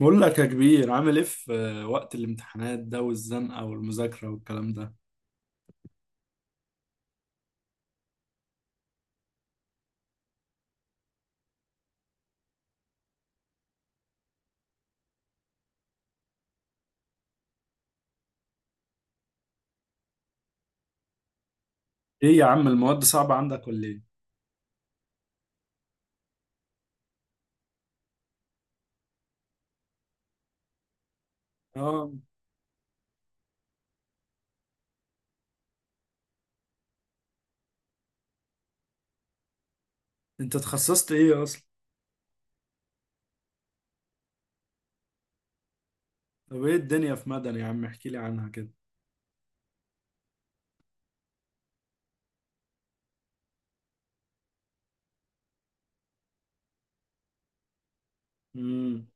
بقول لك يا كبير عامل ايه في وقت الامتحانات ده والزنقة والمذاكرة والكلام ده؟ ايه يا عم المواد صعبة عندك ولا ايه؟ اه، انت اتخصصت ايه اصلا؟ طب ايه الدنيا في مدني يا عم احكي لي عنها كده. امم.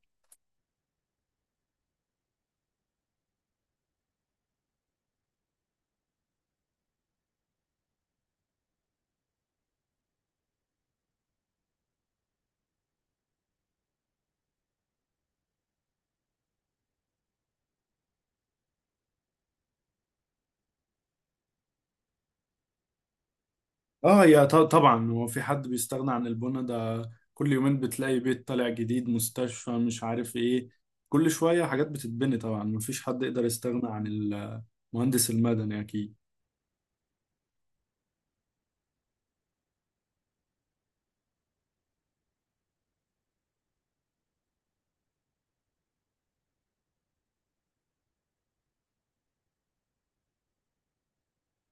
اه يا طبعا هو في حد بيستغنى عن البنا ده، كل يومين بتلاقي بيت طالع جديد، مستشفى، مش عارف ايه، كل شوية حاجات بتتبني، طبعا مفيش حد يقدر يستغنى عن المهندس المدني اكيد.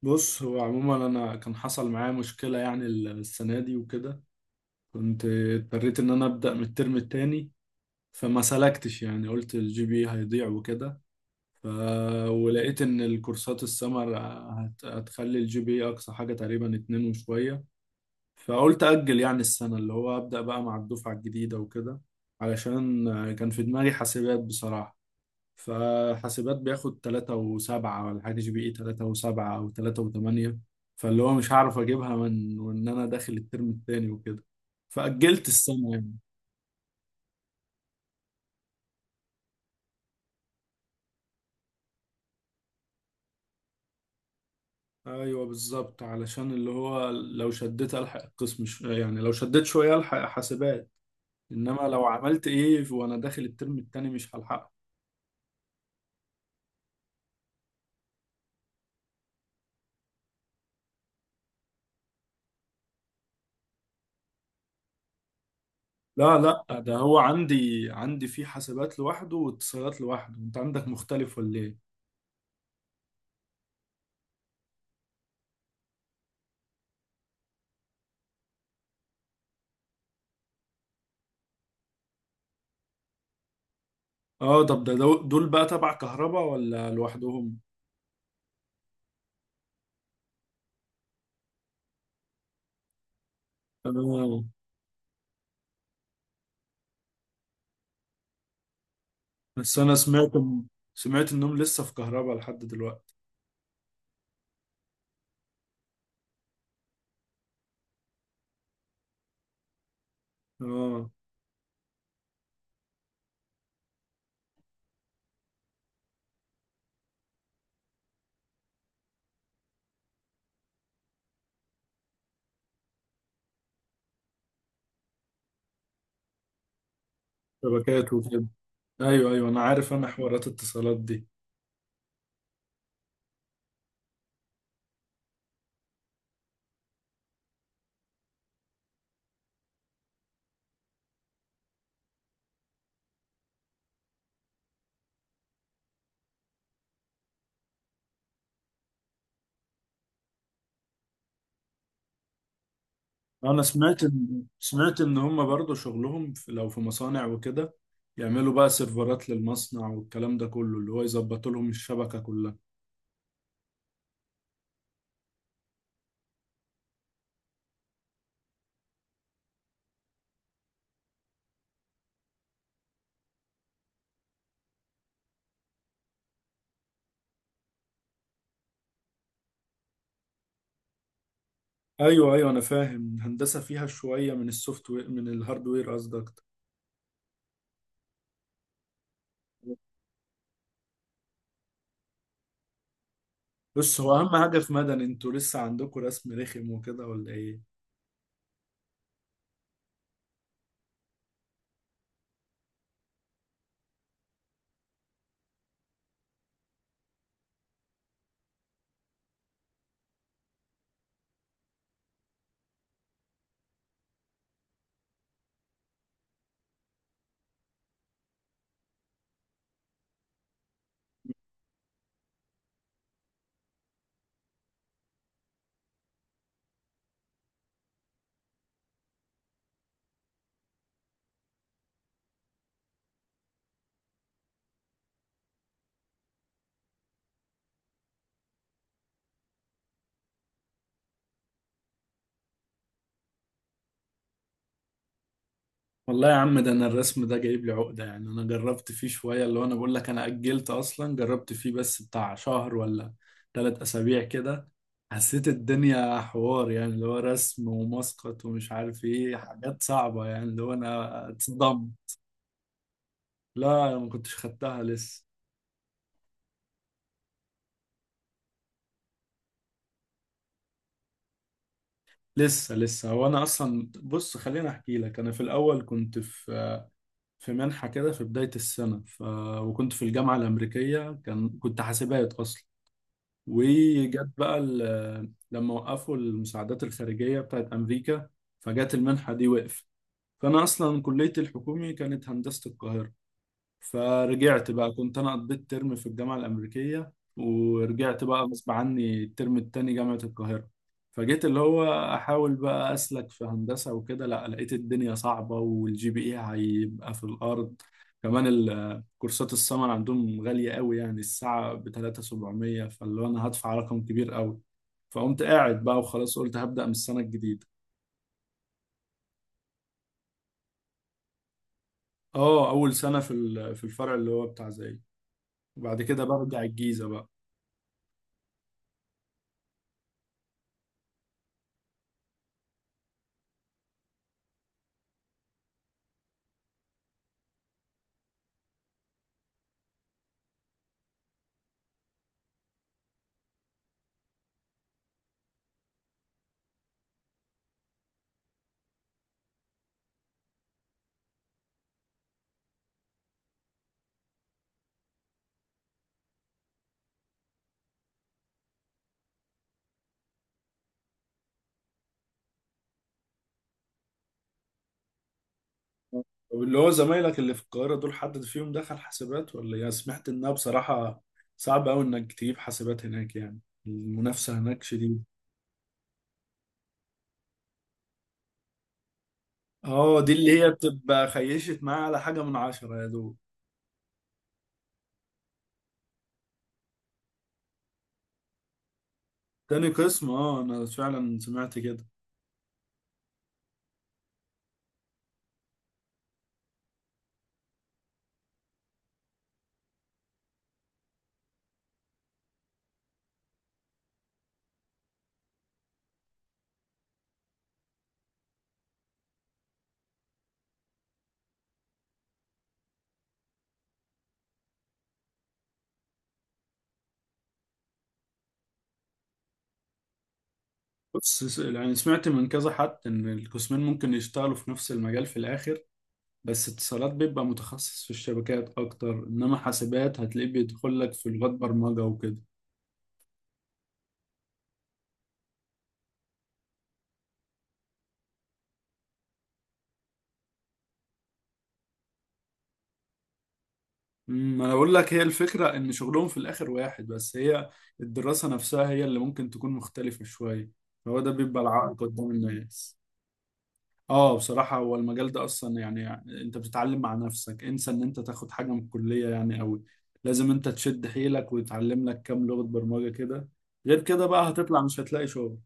بص هو عموما انا كان حصل معايا مشكلة يعني السنة دي وكده، كنت اضطريت ان انا ابدا من الترم التاني، فما سلكتش يعني قلت الجي بي هيضيع وكده. ف... ولقيت ان الكورسات السمر هتخلي الجي بي اقصى حاجه تقريبا اتنين وشويه، فقلت اجل يعني السنه اللي هو ابدا بقى مع الدفعه الجديده وكده، علشان كان في دماغي حاسبات بصراحه، فحاسبات بياخد تلاتة وسبعة ولا حاجة، جي بي إي تلاتة وسبعة أو تلاتة وتمانية، فاللي هو مش هعرف أجيبها من وإن أنا داخل الترم التاني وكده، فأجلت السنة يعني. ايوه بالظبط، علشان اللي هو لو شديت الحق القسم يعني لو شديت شويه الحق حاسبات، انما لو عملت ايه وانا داخل الترم التاني مش هلحقه. لا لا، ده هو عندي في حاسبات لوحده واتصالات لوحده، انت عندك مختلف ولا ايه؟ اه، طب ده دول بقى تبع كهرباء ولا لوحدهم؟ اه بس انا سمعت انهم لسه في كهرباء لحد دلوقتي. اه. شبكات وكده، ايوه ايوه انا عارف، انا حوارات اتصالات دي. انا سمعت ان هم برضو شغلهم في لو في مصانع وكده، يعملوا بقى سيرفرات للمصنع والكلام ده كله اللي هو يظبط لهم الشبكة كلها. ايوه ايوه انا فاهم، الهندسة فيها شوية من السوفت وير من الهاردوير قصدك. بص هو اهم حاجة في مدني، انتوا لسه عندكم رسم رخم وكده ولا ايه؟ والله يا عم ده انا الرسم ده جايب لي عقدة، يعني انا جربت فيه شوية اللي هو، انا بقول لك انا اجلت اصلا، جربت فيه بس بتاع شهر ولا ثلاث اسابيع كده، حسيت الدنيا حوار يعني اللي هو رسم ومسقط ومش عارف ايه، حاجات صعبة يعني اللي هو انا اتصدم. لا أنا ما كنتش خدتها لسه. لسه هو انا اصلا، بص خليني احكي لك، انا في الاول كنت في منحة كده في بداية السنة، وكنت في الجامعة الأمريكية كنت حاسبات أصلا، وجت بقى لما وقفوا المساعدات الخارجية بتاعت أمريكا، فجت المنحة دي وقف. فأنا أصلا كليتي الحكومي كانت هندسة القاهرة، فرجعت بقى، كنت انا قضيت ترم في الجامعه الامريكيه ورجعت بقى غصب عني الترم التاني جامعه القاهره. فجيت اللي هو احاول بقى اسلك في هندسه وكده، لا لقيت الدنيا صعبه والجي بي اي هيبقى في الارض، كمان كورسات السمر عندهم غاليه قوي يعني الساعه ب 3700، فاللي هو انا هدفع رقم كبير قوي، فقمت قاعد بقى وخلاص قلت هبدا من السنه الجديده. اه، اول سنه في في الفرع اللي هو بتاع زيي، وبعد كده برجع الجيزه بقى. طب اللي هو زمايلك اللي في القاهرة دول حد فيهم دخل حاسبات، ولا يا سمعت انها بصراحة صعب قوي انك تجيب حاسبات هناك يعني، المنافسة هناك شديدة. اه، دي اللي هي بتبقى خيشت معايا على حاجة من عشرة يا دوب. تاني قسم، اه انا فعلا سمعت كده. بص يعني سمعت من كذا حد ان القسمين ممكن يشتغلوا في نفس المجال في الاخر، بس اتصالات بيبقى متخصص في الشبكات اكتر انما حاسبات هتلاقيه بيدخل لك في لغات برمجة وكده. امم، انا بقول لك هي الفكره ان شغلهم في الاخر واحد، بس هي الدراسه نفسها هي اللي ممكن تكون مختلفه شويه. هو ده بيبقى العائق قدام الناس. اه بصراحه هو المجال ده اصلا يعني، انت بتتعلم مع نفسك، انسى ان انت تاخد حاجه من الكليه يعني قوي، لازم انت تشد حيلك وتتعلم لك كام لغه برمجه كده، غير كده بقى هتطلع مش هتلاقي شغل.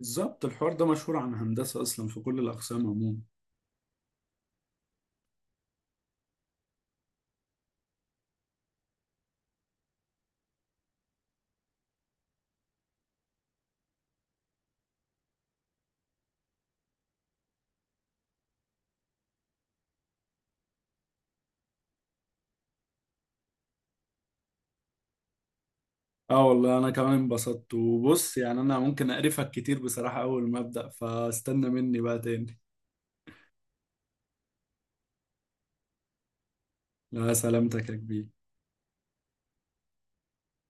بالظبط الحوار ده مشهور عن هندسه اصلا في كل الاقسام عموما. اه والله انا كمان انبسطت، وبص يعني انا ممكن اقرفك كتير بصراحة اول ما ابدأ فاستنى مني بقى تاني. لا سلامتك يا كبير.